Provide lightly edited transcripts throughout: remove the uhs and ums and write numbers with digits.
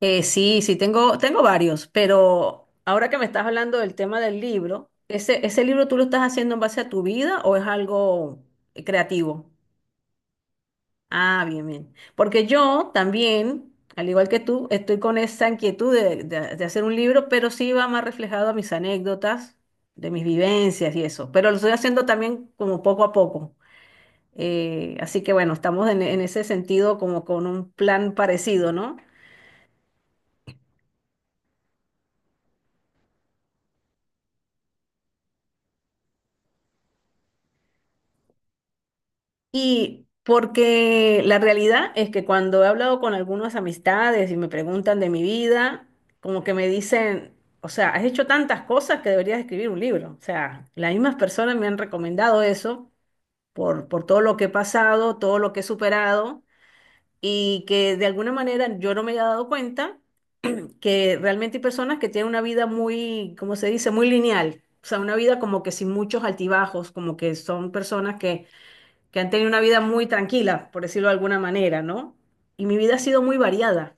Sí, tengo varios, pero ahora que me estás hablando del tema del libro, ¿ese, ese libro tú lo estás haciendo en base a tu vida o es algo creativo? Ah, bien, bien. Porque yo también, al igual que tú, estoy con esa inquietud de hacer un libro, pero sí va más reflejado a mis anécdotas, de mis vivencias y eso. Pero lo estoy haciendo también como poco a poco. Así que bueno, estamos en ese sentido como con un plan parecido, ¿no? Y porque la realidad es que cuando he hablado con algunas amistades y me preguntan de mi vida, como que me dicen, o sea, has hecho tantas cosas que deberías escribir un libro. O sea, las mismas personas me han recomendado eso por todo lo que he pasado, todo lo que he superado y que de alguna manera yo no me he dado cuenta que realmente hay personas que tienen una vida muy, ¿cómo se dice?, muy lineal. O sea, una vida como que sin muchos altibajos, como que son personas que han tenido una vida muy tranquila, por decirlo de alguna manera, ¿no? Y mi vida ha sido muy variada.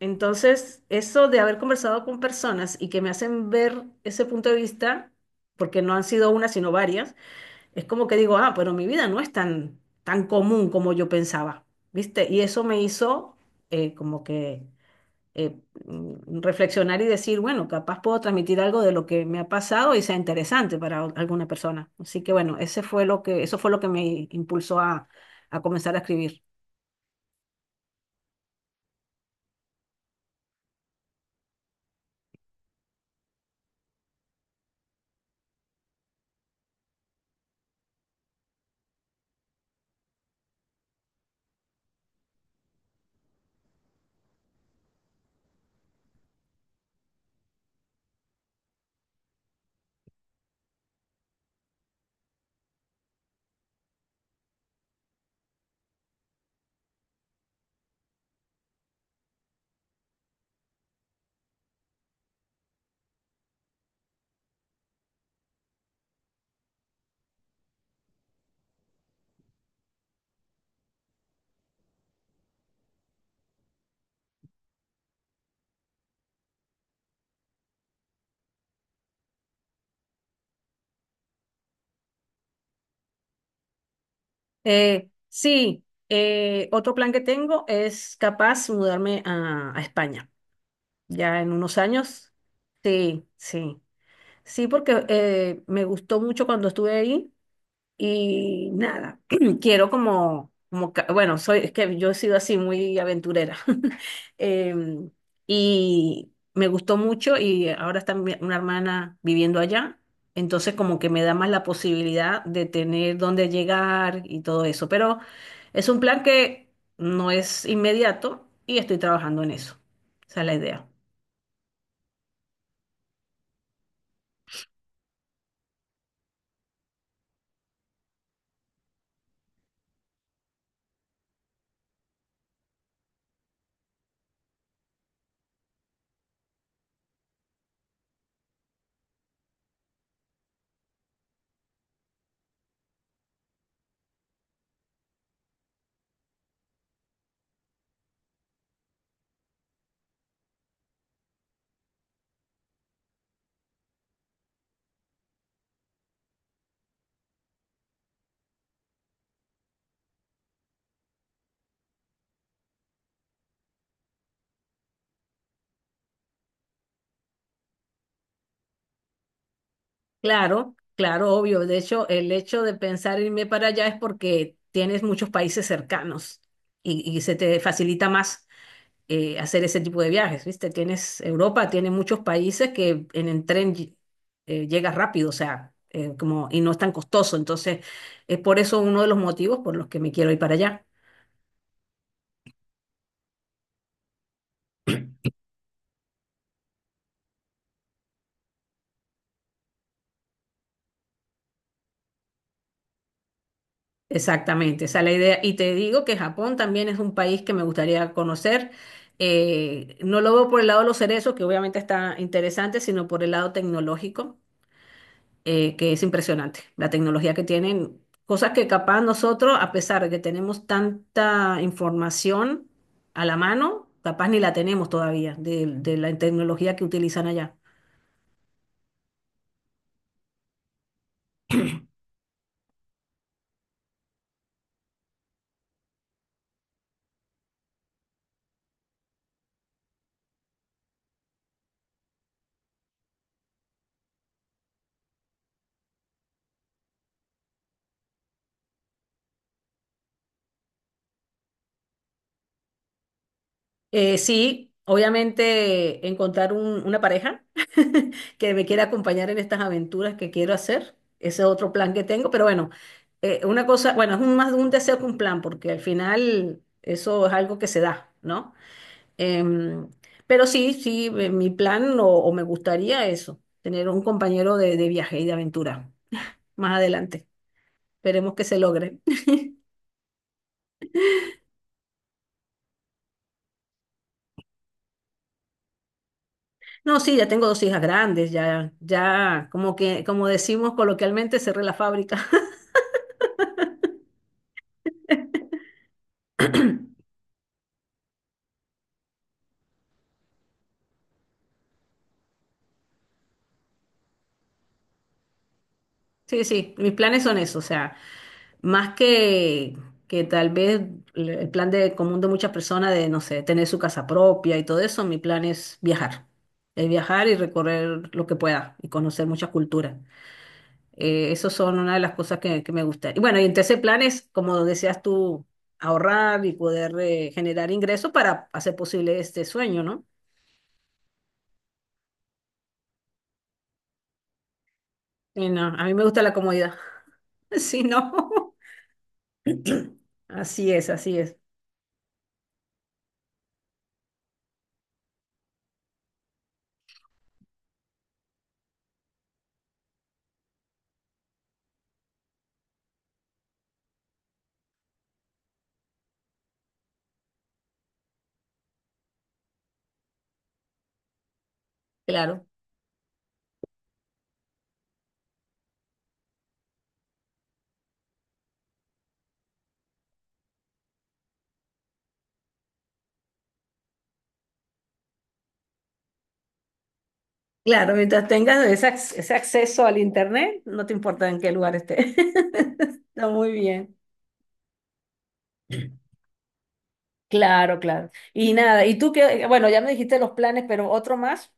Entonces, eso de haber conversado con personas y que me hacen ver ese punto de vista, porque no han sido una, sino varias, es como que digo, ah, pero mi vida no es tan, tan común como yo pensaba, ¿viste? Y eso me hizo eh, como que eh, reflexionar y decir, bueno, capaz puedo transmitir algo de lo que me ha pasado y sea interesante para alguna persona. Así que bueno, ese fue lo que, eso fue lo que me impulsó a comenzar a escribir. Sí, Otro plan que tengo es capaz mudarme a España, ya en unos años. Sí, sí. Sí, porque me gustó mucho cuando estuve ahí. Y nada, quiero bueno, soy, es que yo he sido así muy aventurera. Em, y me gustó mucho y ahora está una hermana viviendo allá, entonces como que me da más la posibilidad de tener dónde llegar y todo eso. Pero es un plan que no es inmediato y estoy trabajando en eso. Esa es la idea. Claro, claro, obvio. De hecho, el hecho de pensar irme para allá es porque tienes muchos países cercanos y se te facilita más hacer ese tipo de viajes, ¿viste? Tienes Europa, tiene muchos países que en el tren llegas rápido, o sea, como, y no es tan costoso. Entonces, es por eso uno de los motivos por los que me quiero ir para allá. Exactamente, esa es la idea. Y te digo que Japón también es un país que me gustaría conocer. No lo veo por el lado de los cerezos, que obviamente está interesante, sino por el lado tecnológico, que es impresionante. La tecnología que tienen, cosas que capaz nosotros, a pesar de que tenemos tanta información a la mano, capaz ni la tenemos todavía de la tecnología que utilizan allá. Sí, obviamente encontrar una pareja que me quiera acompañar en estas aventuras que quiero hacer. Ese es otro plan que tengo, pero bueno, una cosa, bueno, es más un deseo que un plan, porque al final eso es algo que se da, ¿no? Em, pero sí, sí, mi plan o me gustaría eso, tener un compañero de viaje y de aventura más adelante. Esperemos que se logre. No, sí, ya tengo dos hijas grandes, ya, ya, como que, como decimos coloquialmente, cerré la fábrica. Sí, sí, mis planes son eso, o sea, más que tal vez el plan de común de muchas personas de, no sé, tener su casa propia y todo eso, mi plan es viajar y recorrer lo que pueda y conocer muchas culturas. Esas son una de las cosas que me gusta. Y bueno, y entre ese plan es, como decías tú, ahorrar y poder generar ingresos para hacer posible este sueño, ¿no? Y no, a mí me gusta la comodidad, si no, así es, claro. Claro, mientras tengas ese acceso al internet, no te importa en qué lugar estés. Está muy bien. Claro, claro. Y nada, y tú que, bueno, ya me dijiste los planes, pero otro más,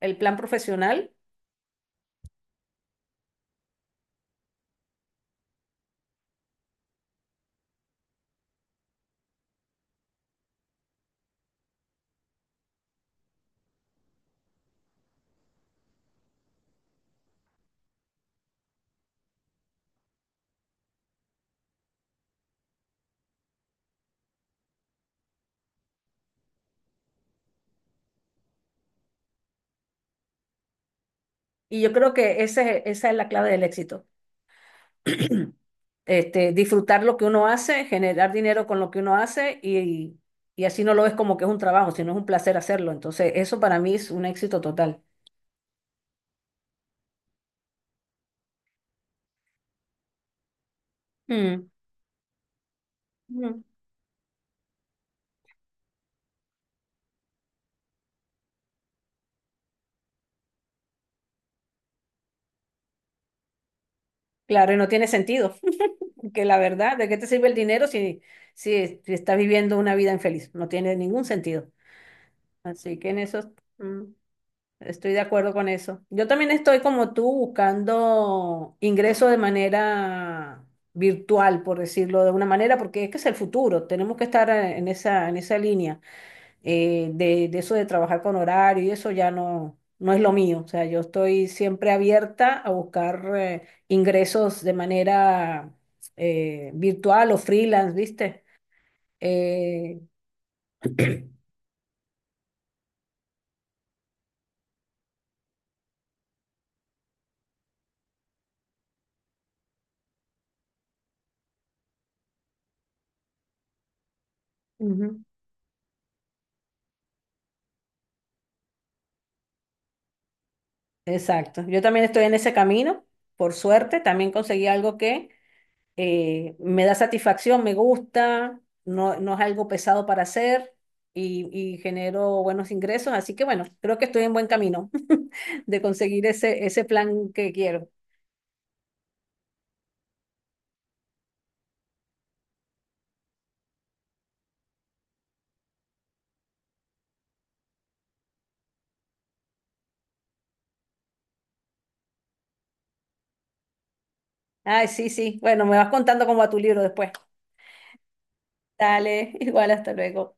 el plan profesional, y yo creo que esa es la clave del éxito. Este, disfrutar lo que uno hace, generar dinero con lo que uno hace y así no lo ves como que es un trabajo, sino es un placer hacerlo. Entonces, eso para mí es un éxito total. Mm. Mm. Claro, y no tiene sentido. Que la verdad, ¿de qué te sirve el dinero si estás viviendo una vida infeliz? No tiene ningún sentido. Así que en eso mm, estoy de acuerdo con eso. Yo también estoy como tú buscando ingresos de manera virtual, por decirlo de una manera, porque es que es el futuro. Tenemos que estar en esa línea de eso de trabajar con horario y eso ya no, no es lo mío. O sea, yo estoy siempre abierta a buscar ingresos de manera virtual o freelance, ¿viste? Eh, ujú, Exacto. Yo también estoy en ese camino, por suerte. También conseguí algo que me da satisfacción, me gusta, no, no es algo pesado para hacer y genero buenos ingresos. Así que bueno, creo que estoy en buen camino de conseguir ese, ese plan que quiero. Ay, sí, sí. Bueno, me vas contando cómo va tu libro después. Dale, igual, hasta luego.